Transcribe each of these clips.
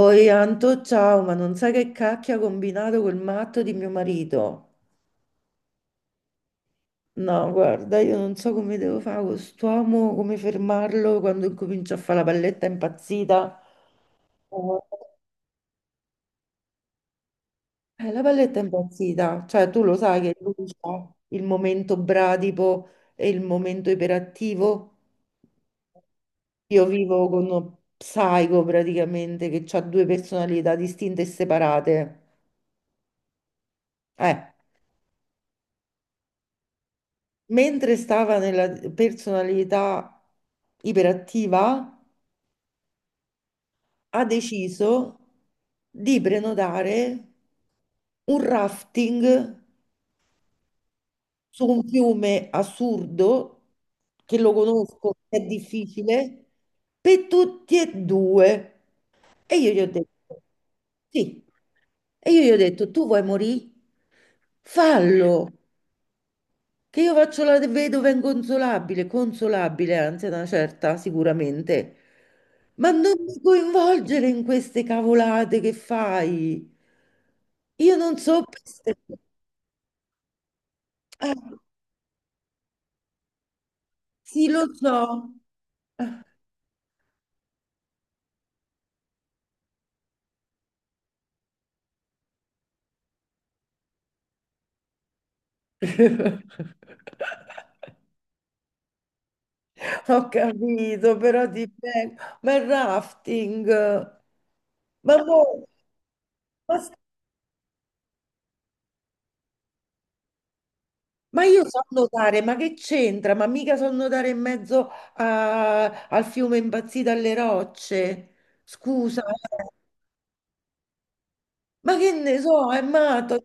Oi Anto, ciao, ma non sai che cacchio ha combinato quel matto di mio marito? No, guarda, io non so come devo fare con quest'uomo, come fermarlo quando incomincia a fare la palletta impazzita. Eh, la palletta impazzita, cioè tu lo sai che lui ha il momento bradipo e il momento iperattivo. Io vivo con uno psico praticamente che ha due personalità distinte e separate. Eh. Mentre stava nella personalità iperattiva, ha deciso di prenotare un rafting su un fiume assurdo, che lo conosco, è difficile, per tutti e due. E io gli ho detto, sì. E io gli ho detto, tu vuoi morire? Fallo. Che io faccio la vedova inconsolabile, consolabile, anzi, ad una certa, sicuramente. Ma non mi coinvolgere in queste cavolate che fai. Io non so. Eh, sì, lo so. Ho capito, però ti prego. Ma il rafting. Ma, mo- ma ma io so nuotare, ma che c'entra? Ma mica so nuotare in mezzo al fiume impazzito alle rocce. Scusa, eh. Ma che ne so, è matto.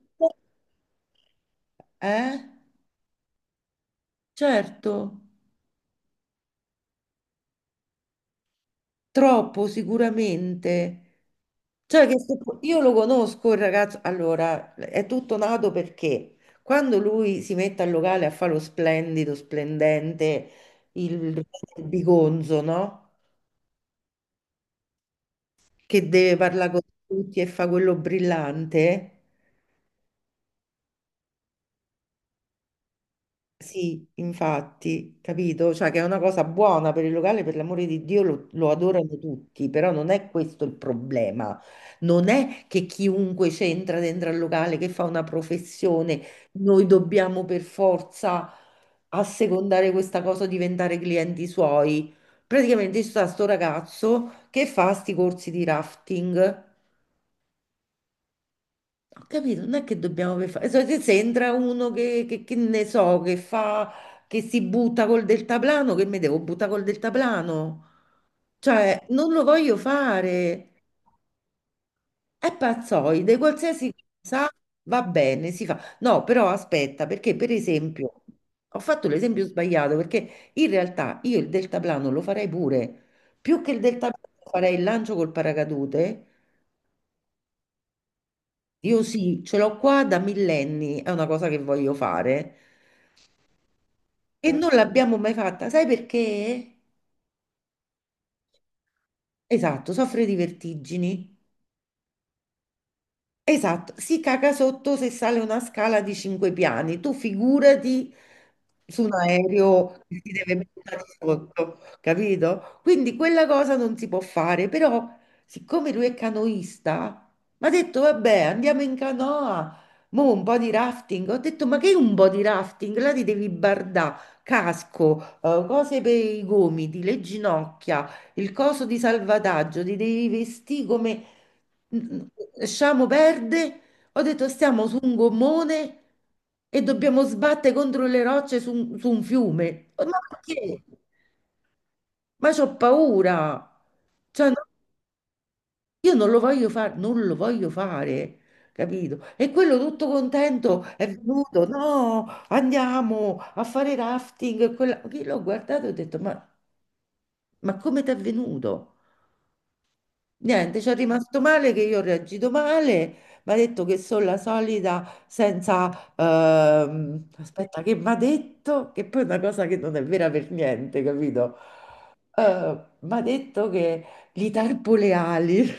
Eh? Certo, troppo sicuramente. Cioè, che se- io lo conosco il ragazzo. Allora, è tutto nato perché quando lui si mette al locale a fare lo splendido, splendente, il, il bigonzo, no? Che deve parlare con tutti e fa quello brillante. Sì, infatti, capito? Cioè che è una cosa buona per il locale, per l'amore di Dio, lo adorano tutti, però non è questo il problema. Non è che chiunque c'entra dentro al locale, che fa una professione, noi dobbiamo per forza assecondare questa cosa, diventare clienti suoi. Praticamente c'è sta sto ragazzo che fa sti corsi di rafting. Ho capito, non è che dobbiamo per fare. Se entra uno che, che ne so, che fa, che si butta col deltaplano, che mi devo buttare col deltaplano? Cioè, non lo voglio fare. È pazzoide, qualsiasi cosa va bene, si fa. No, però aspetta, perché per esempio, ho fatto l'esempio sbagliato, perché in realtà io il deltaplano lo farei pure. Più che il deltaplano farei il lancio col paracadute. Io sì, ce l'ho qua da millenni, è una cosa che voglio fare. E non l'abbiamo mai fatta, sai perché? Esatto, soffre di vertigini. Esatto, si caga sotto se sale una scala di cinque piani. Tu figurati su un aereo che ti deve buttare sotto, capito? Quindi quella cosa non si può fare, però siccome lui è canoista, mi ha detto vabbè, andiamo in canoa, mo un po' di rafting. Ho detto ma che un po' di rafting? Là ti devi bardà, casco, cose per i gomiti, le ginocchia, il coso di salvataggio, ti devi vestire come Sciamo perde, ho detto stiamo su un gommone e dobbiamo sbattere contro le rocce su un fiume. Ma perché? Ma c'ho paura. Cioè, no- io non lo voglio fare, non lo voglio fare, capito? E quello tutto contento è venuto, no, andiamo a fare rafting. E quella... Io l'ho guardato e ho detto, ma come ti è venuto? Niente, ci è rimasto male che io ho reagito male, mi ha detto che sono la solita senza... aspetta, che mi ha detto? Che poi è una cosa che non è vera per niente, capito? Mi ha detto che gli tarpo le ali.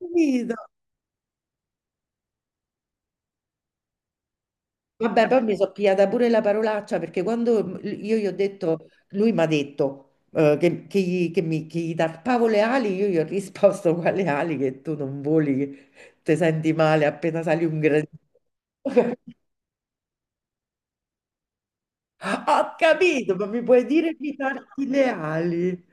Capito? Vabbè, poi mi sono pigliata pure la parolaccia perché quando io gli ho detto, lui mi ha detto che gli tarpavo le ali, io gli ho risposto quale ali che tu non voli, che ti senti male appena sali un gradino. Ho capito, ma mi puoi dire che mi tarpi le ali?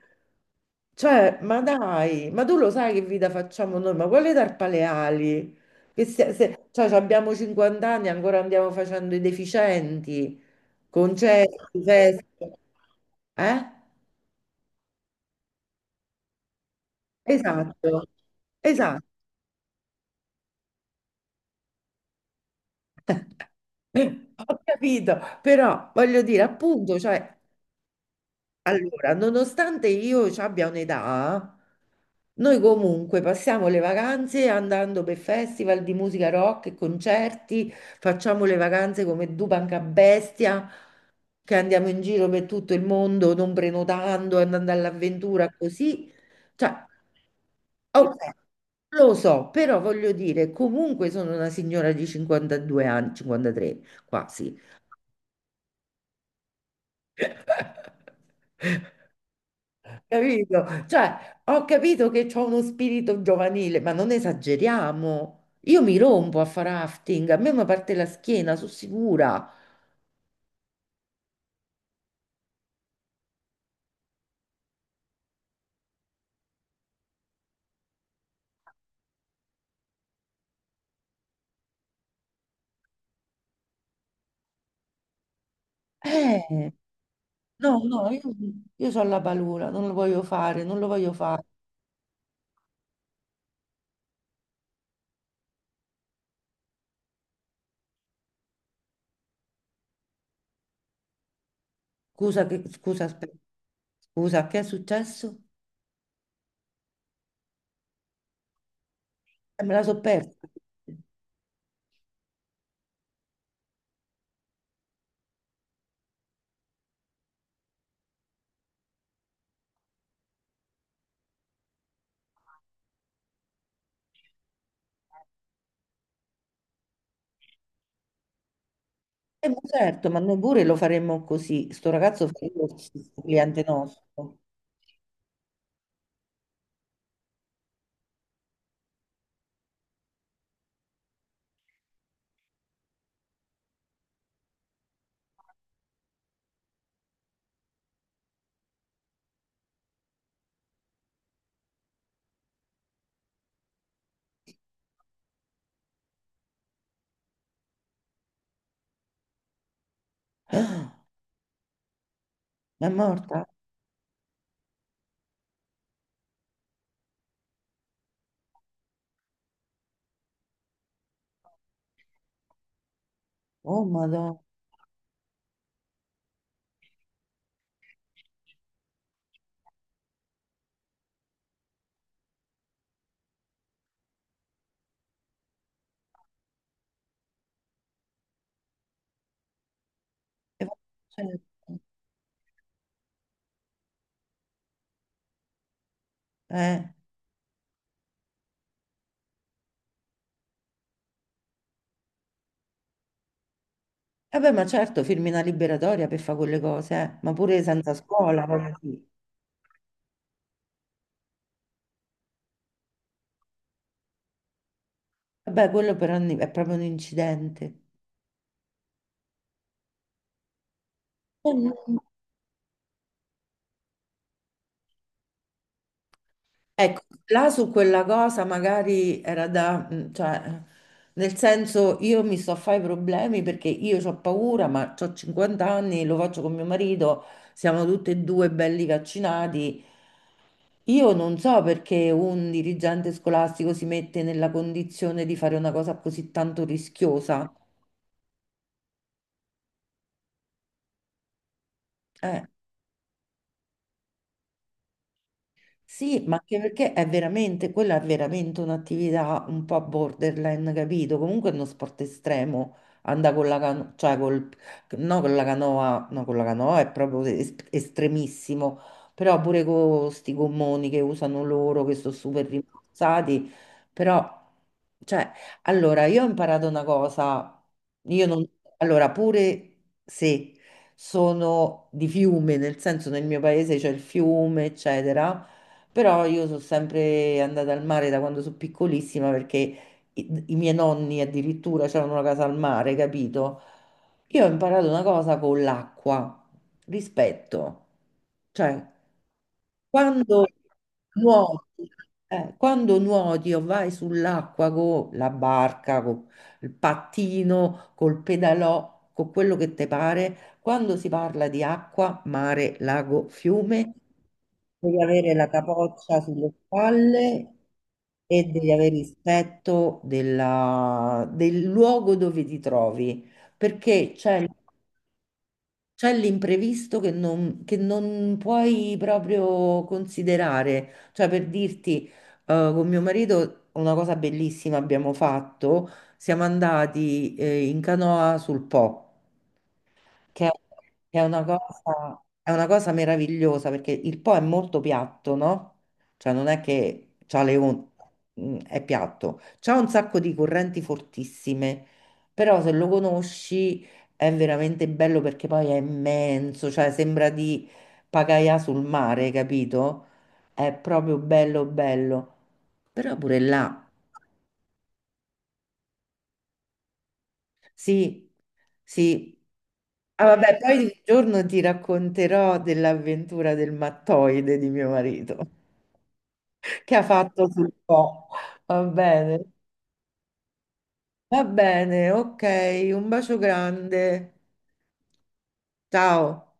Cioè, ma dai, ma tu lo sai che vita facciamo noi? Ma quale tarpale ali? Che se, se- cioè, abbiamo 50 anni e ancora andiamo facendo i deficienti, concerti, feste. Eh? Esatto, esatto. Ho capito, però voglio dire, appunto, cioè, allora, nonostante io ci abbia un'età, noi comunque passiamo le vacanze andando per festival di musica rock e concerti, facciamo le vacanze come Dupanca bestia, che andiamo in giro per tutto il mondo non prenotando, andando all'avventura così. Cioè, ok, lo so, però voglio dire, comunque sono una signora di 52 anni, 53 quasi. Capito? Cioè, ho capito che c'ho uno spirito giovanile, ma non esageriamo. Io mi rompo a fare rafting, a me mi parte la schiena, sono sicura. Eh, no, no, io ho la paura, non lo voglio fare, non lo voglio fare. Scusa, che, scusa, aspetta. Scusa, che è successo? Me la so persa. Ma certo, ma noi pure lo faremmo così. Sto ragazzo fa il questo cliente nostro. Ma è morta? Oh, madonna. Eh, certo. Eh. Vabbè, ma certo, firmi una liberatoria per fare quelle cose, eh. Ma pure senza scuola, voglio dire. Vabbè, quello però è proprio un incidente. Mm. Ecco, là su quella cosa magari era da, mm, cioè, nel senso io mi sto a fare i problemi perché io ho paura, ma ho 50 anni, lo faccio con mio marito, siamo tutti e due belli vaccinati. Io non so perché un dirigente scolastico si mette nella condizione di fare una cosa così tanto rischiosa. Eh, Sì, ma anche perché è veramente, quella è veramente un'attività un po' borderline, capito? Comunque è uno sport estremo, anda con la canoa, cioè col, no con la canoa, no con la canoa è proprio estremissimo, però pure con questi gommoni che usano loro, che sono super rimborsati, però, cioè, allora, io ho imparato una cosa, io non, allora, pure se sono di fiume, nel senso nel mio paese c'è il fiume, eccetera, però io sono sempre andata al mare da quando sono piccolissima perché i miei nonni addirittura avevano una casa al mare, capito? Io ho imparato una cosa con l'acqua, rispetto. Cioè, quando nuoti, quando nuoti o vai sull'acqua con la barca, con il pattino, col pedalò, con quello che ti pare, quando si parla di acqua, mare, lago, fiume, devi avere la capoccia sulle spalle e devi avere rispetto del luogo dove ti trovi, perché c'è l'imprevisto che non puoi proprio considerare. Cioè, per dirti, con mio marito una cosa bellissima abbiamo fatto, siamo andati, in canoa sul Po che è che è una cosa, è una cosa meravigliosa perché il Po è molto piatto, no? Cioè non è che c'ha le on- Mm, è piatto, c'ha un sacco di correnti fortissime, però se lo conosci è veramente bello perché poi è immenso, cioè sembra di pagaia sul mare, capito? È proprio bello bello. Però pure là sì, sì. Ah, vabbè, poi un giorno ti racconterò dell'avventura del mattoide di mio marito che ha fatto sul po'. Va bene, va bene, ok, un bacio grande. Ciao.